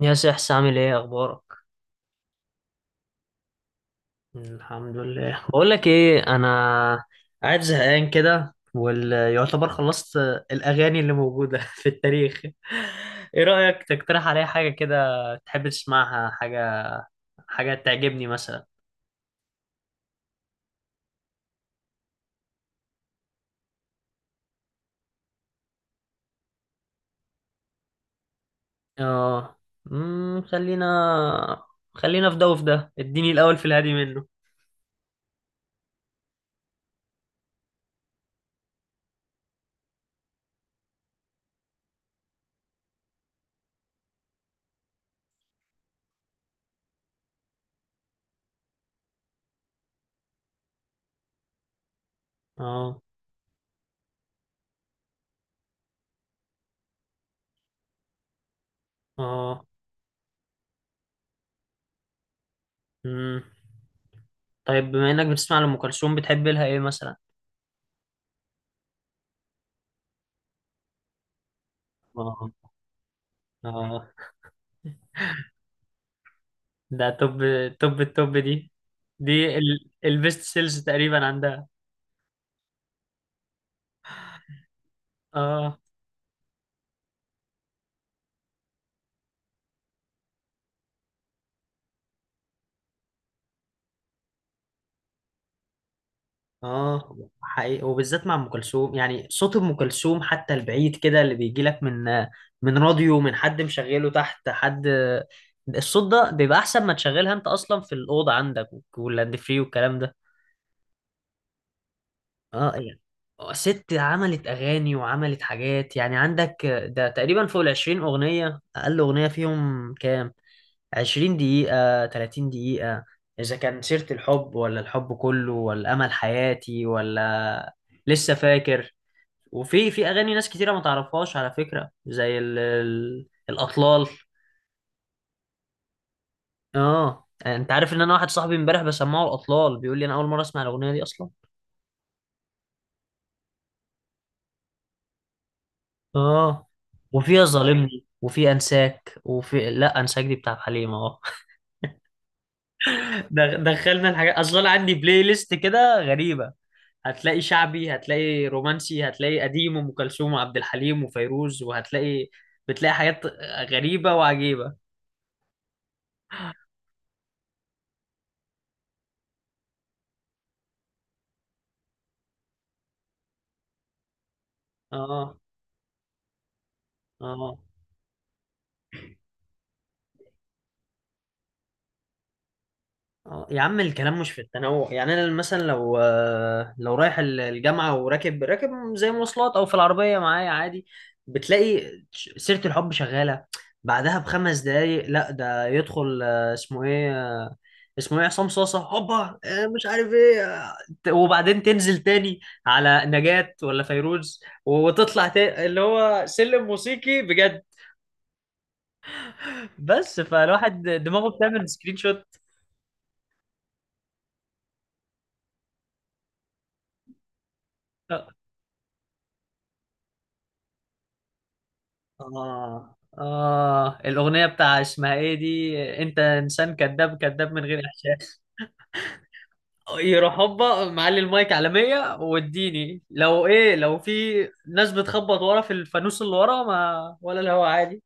يا سحس عامل ايه اخبارك؟ الحمد لله. بقول لك ايه، انا قاعد زهقان كده ويعتبر خلصت الاغاني اللي موجوده في التاريخ. ايه رايك تقترح عليا حاجه كده تحب تسمعها؟ حاجه حاجه تعجبني مثلا. اه. خلينا في ده وفي ده، اديني الاول في الهادي منه. اه. اه. امم، طيب بما انك بتسمع لأم كلثوم، بتحب لها ايه مثلا؟ اه. اه، ده توب، توب التوب دي. دي البيست سيلز تقريبا عندها. اه. اه حقيقي، وبالذات مع ام كلثوم. يعني صوت ام كلثوم حتى البعيد كده اللي بيجي لك من راديو، من حد مشغله تحت، حد الصوت ده بيبقى احسن ما تشغلها انت اصلا في الاوضه عندك واللاند فري والكلام ده. اه يعني، ست عملت اغاني وعملت حاجات، يعني عندك ده تقريبا فوق العشرين اغنيه. اقل اغنيه فيهم كام؟ 20 دقيقة، 30 دقيقة. إذا كان سيرة الحب ولا الحب كله ولا أمل حياتي ولا، لسه فاكر. وفي أغاني ناس كتيرة ما تعرفهاش على فكرة، زي الأطلال. آه، أنت عارف إن أنا واحد صاحبي إمبارح بسمعه الأطلال بيقول لي أنا أول مرة أسمع الأغنية دي أصلا. آه. وفيها ظالمني، وفي أنساك، وفي لا أنساك دي بتاع حليم أهو. دخلنا الحاجات. أصلا أنا عندي بلاي ليست كده غريبة، هتلاقي شعبي هتلاقي رومانسي هتلاقي قديم وأم كلثوم وعبد الحليم وفيروز، بتلاقي حاجات غريبة وعجيبة. اه. اه. اه يا عم، الكلام مش في التنوع. يعني انا مثلا لو لو رايح الجامعه وراكب، زي مواصلات او في العربيه معايا، عادي بتلاقي سيره الحب شغاله، بعدها بخمس دقايق لا ده يدخل اسمه ايه، اسمه ايه، عصام صاصه هوبا، مش عارف ايه، وبعدين تنزل تاني على نجاة ولا فيروز، وتطلع تاني اللي هو سلم موسيقي بجد. بس فالواحد دماغه بتعمل سكرين شوت. اه. اه. آه، الاغنيه بتاع اسمها ايه دي، انت انسان كذاب، كذاب من غير احساس، يروح هوبا معلي المايك على 100، واديني لو ايه لو في ناس بتخبط ورا في الفانوس اللي ورا، ما ولا الهوا عادي.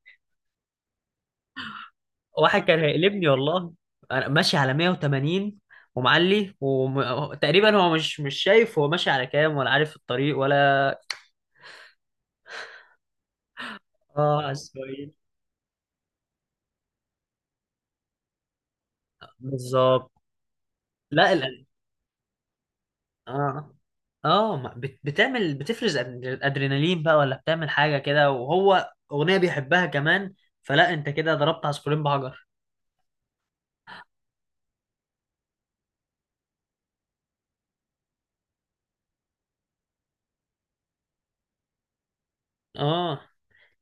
واحد كان هيقلبني والله، انا ماشي على 180 ومعلي، وتقريبا هو مش شايف هو ماشي على كام ولا عارف الطريق ولا. اه على السويد. بالظبط. لا اه. اه بتعمل، بتفرز ادرينالين بقى، ولا بتعمل حاجه كده وهو اغنيه بيحبها كمان، فلا انت كده ضربت عصفورين بحجر. اه.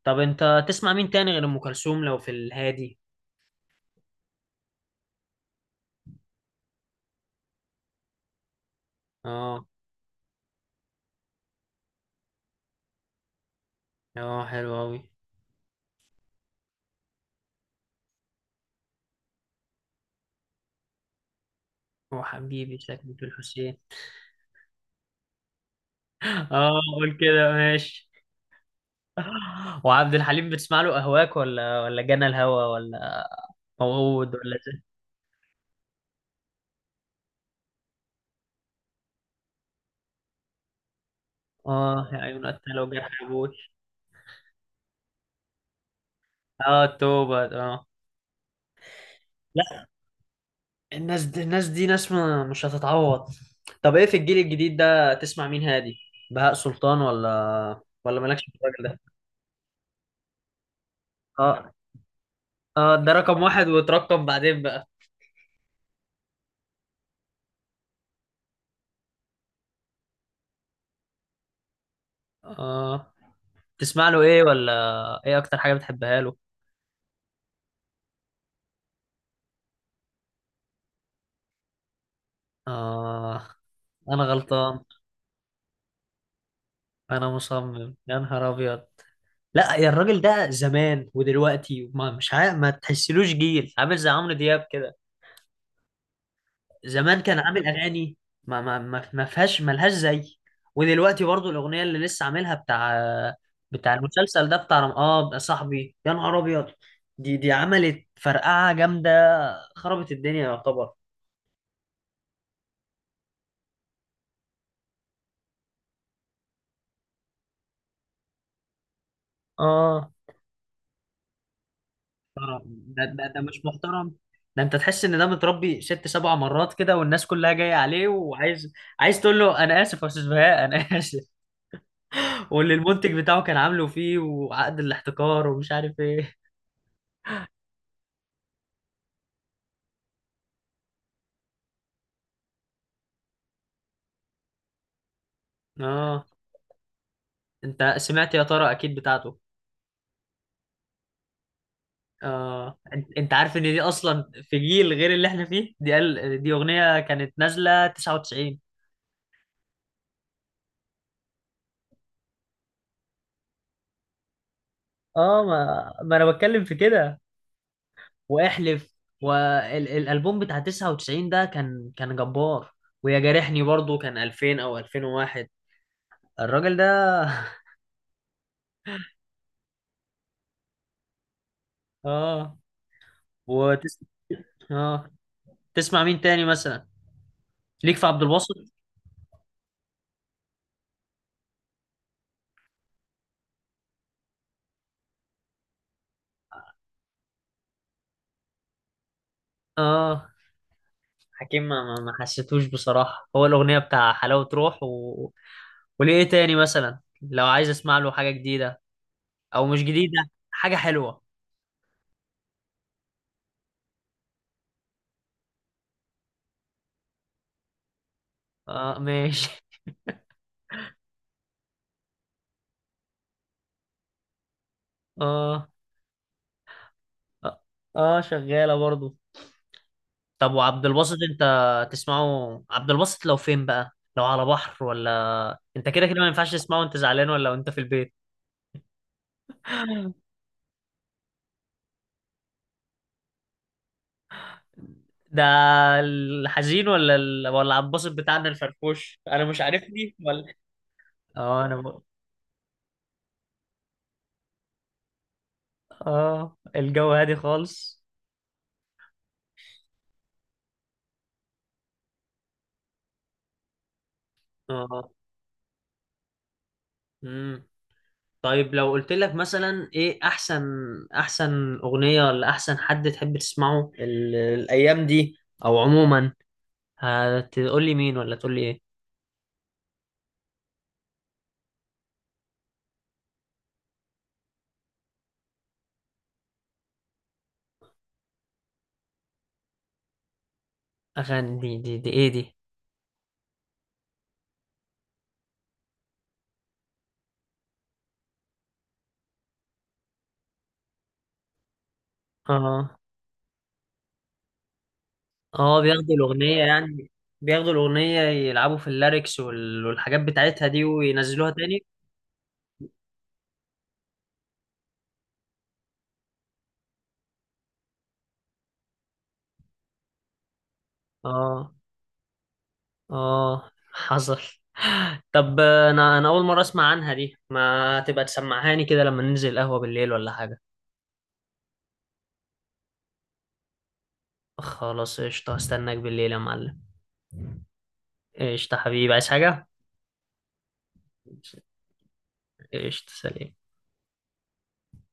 طب انت تسمع مين تاني غير ام كلثوم لو في الهادي؟ اه. اه حلو اوي. هو حبيبي شكلك الحسين. اه قول كده ماشي. وعبد الحليم بتسمع له أهواك ولا جنى الهوى ولا موعود ولا زي. اه، يا عيون قتلة وجرح أبوي. اه، توبة، اه. لا، الناس دي، الناس دي ناس ما مش هتتعوض. طب ايه في الجيل الجديد ده تسمع مين هادي؟ بهاء سلطان ولا مالكش في الراجل ده؟ اه. اه ده رقم واحد وترقم بعدين بقى. اه. تسمع له ايه، ولا ايه اكتر حاجة بتحبها له؟ اه، انا غلطان، انا مصمم يا نهار ابيض. لا يا الراجل ده زمان ودلوقتي، ما مش عارف، ما تحسلوش جيل عامل زي عمرو دياب كده. زمان كان عامل اغاني ما فيهاش، ملهاش زي. ودلوقتي برضو الاغنيه اللي لسه عاملها، بتاع المسلسل ده، بتاع اه بقى صاحبي يا نهار ابيض، دي عملت فرقعه جامده، خربت الدنيا يعتبر. اه. محترم، ده مش محترم. ده انت تحس ان ده متربي ست سبع مرات كده، والناس كلها جايه عليه، عايز تقول له انا اسف يا استاذ بهاء، انا اسف. واللي المنتج بتاعه كان عامله فيه، وعقد الاحتكار ومش عارف ايه. اه. انت سمعت يا ترى، اكيد، بتاعته. اه. أنت عارف ان دي اصلا في جيل غير اللي احنا فيه؟ دي قال دي اغنية كانت نازلة 99. اه. ما ما انا بتكلم في كده واحلف. والالبوم بتاع 99 ده كان كان جبار. ويا جارحني برضو كان 2000 او 2001، الراجل ده. اه. وتس... اه. تسمع مين تاني مثلا؟ ليك في عبد الباسط؟ اه حكيم، ما ما ما حسيتوش بصراحة هو الأغنية بتاع حلاوة روح وليه. إيه تاني مثلا لو عايز أسمع له حاجة جديدة، أو مش جديدة، حاجة حلوة؟ آه ماشي. آه. آه. آه، شغالة برضو. طب وعبد الباسط أنت تسمعه عبد الباسط لو فين بقى؟ لو على بحر، ولا أنت كده كده ما ينفعش تسمعه وأنت زعلان، ولا وأنت في البيت؟ ده الحزين، ولا عبد الباسط بتاعنا الفرفوش أنا مش عارفني ولا؟ آه. اه الجو هادي خالص. اه. امم، طيب لو قلت لك مثلا ايه احسن، احسن اغنية ولا احسن حد تحب تسمعه الايام دي، او عموما، هتقول لي مين ولا تقول لي ايه؟ اغاني دي ايه دي؟ اه. اه بياخدوا الاغنية يعني، بياخدوا الاغنية يلعبوا في الليركس والحاجات بتاعتها دي وينزلوها تاني. اه. اه حصل. طب انا اول مره اسمع عنها دي، ما تبقى تسمعهاني كده لما ننزل قهوه بالليل ولا حاجه. خلاص قشطه، استناك بالليل يا معلم. قشطه حبيبي، عايز حاجه؟ قشطه، سلام.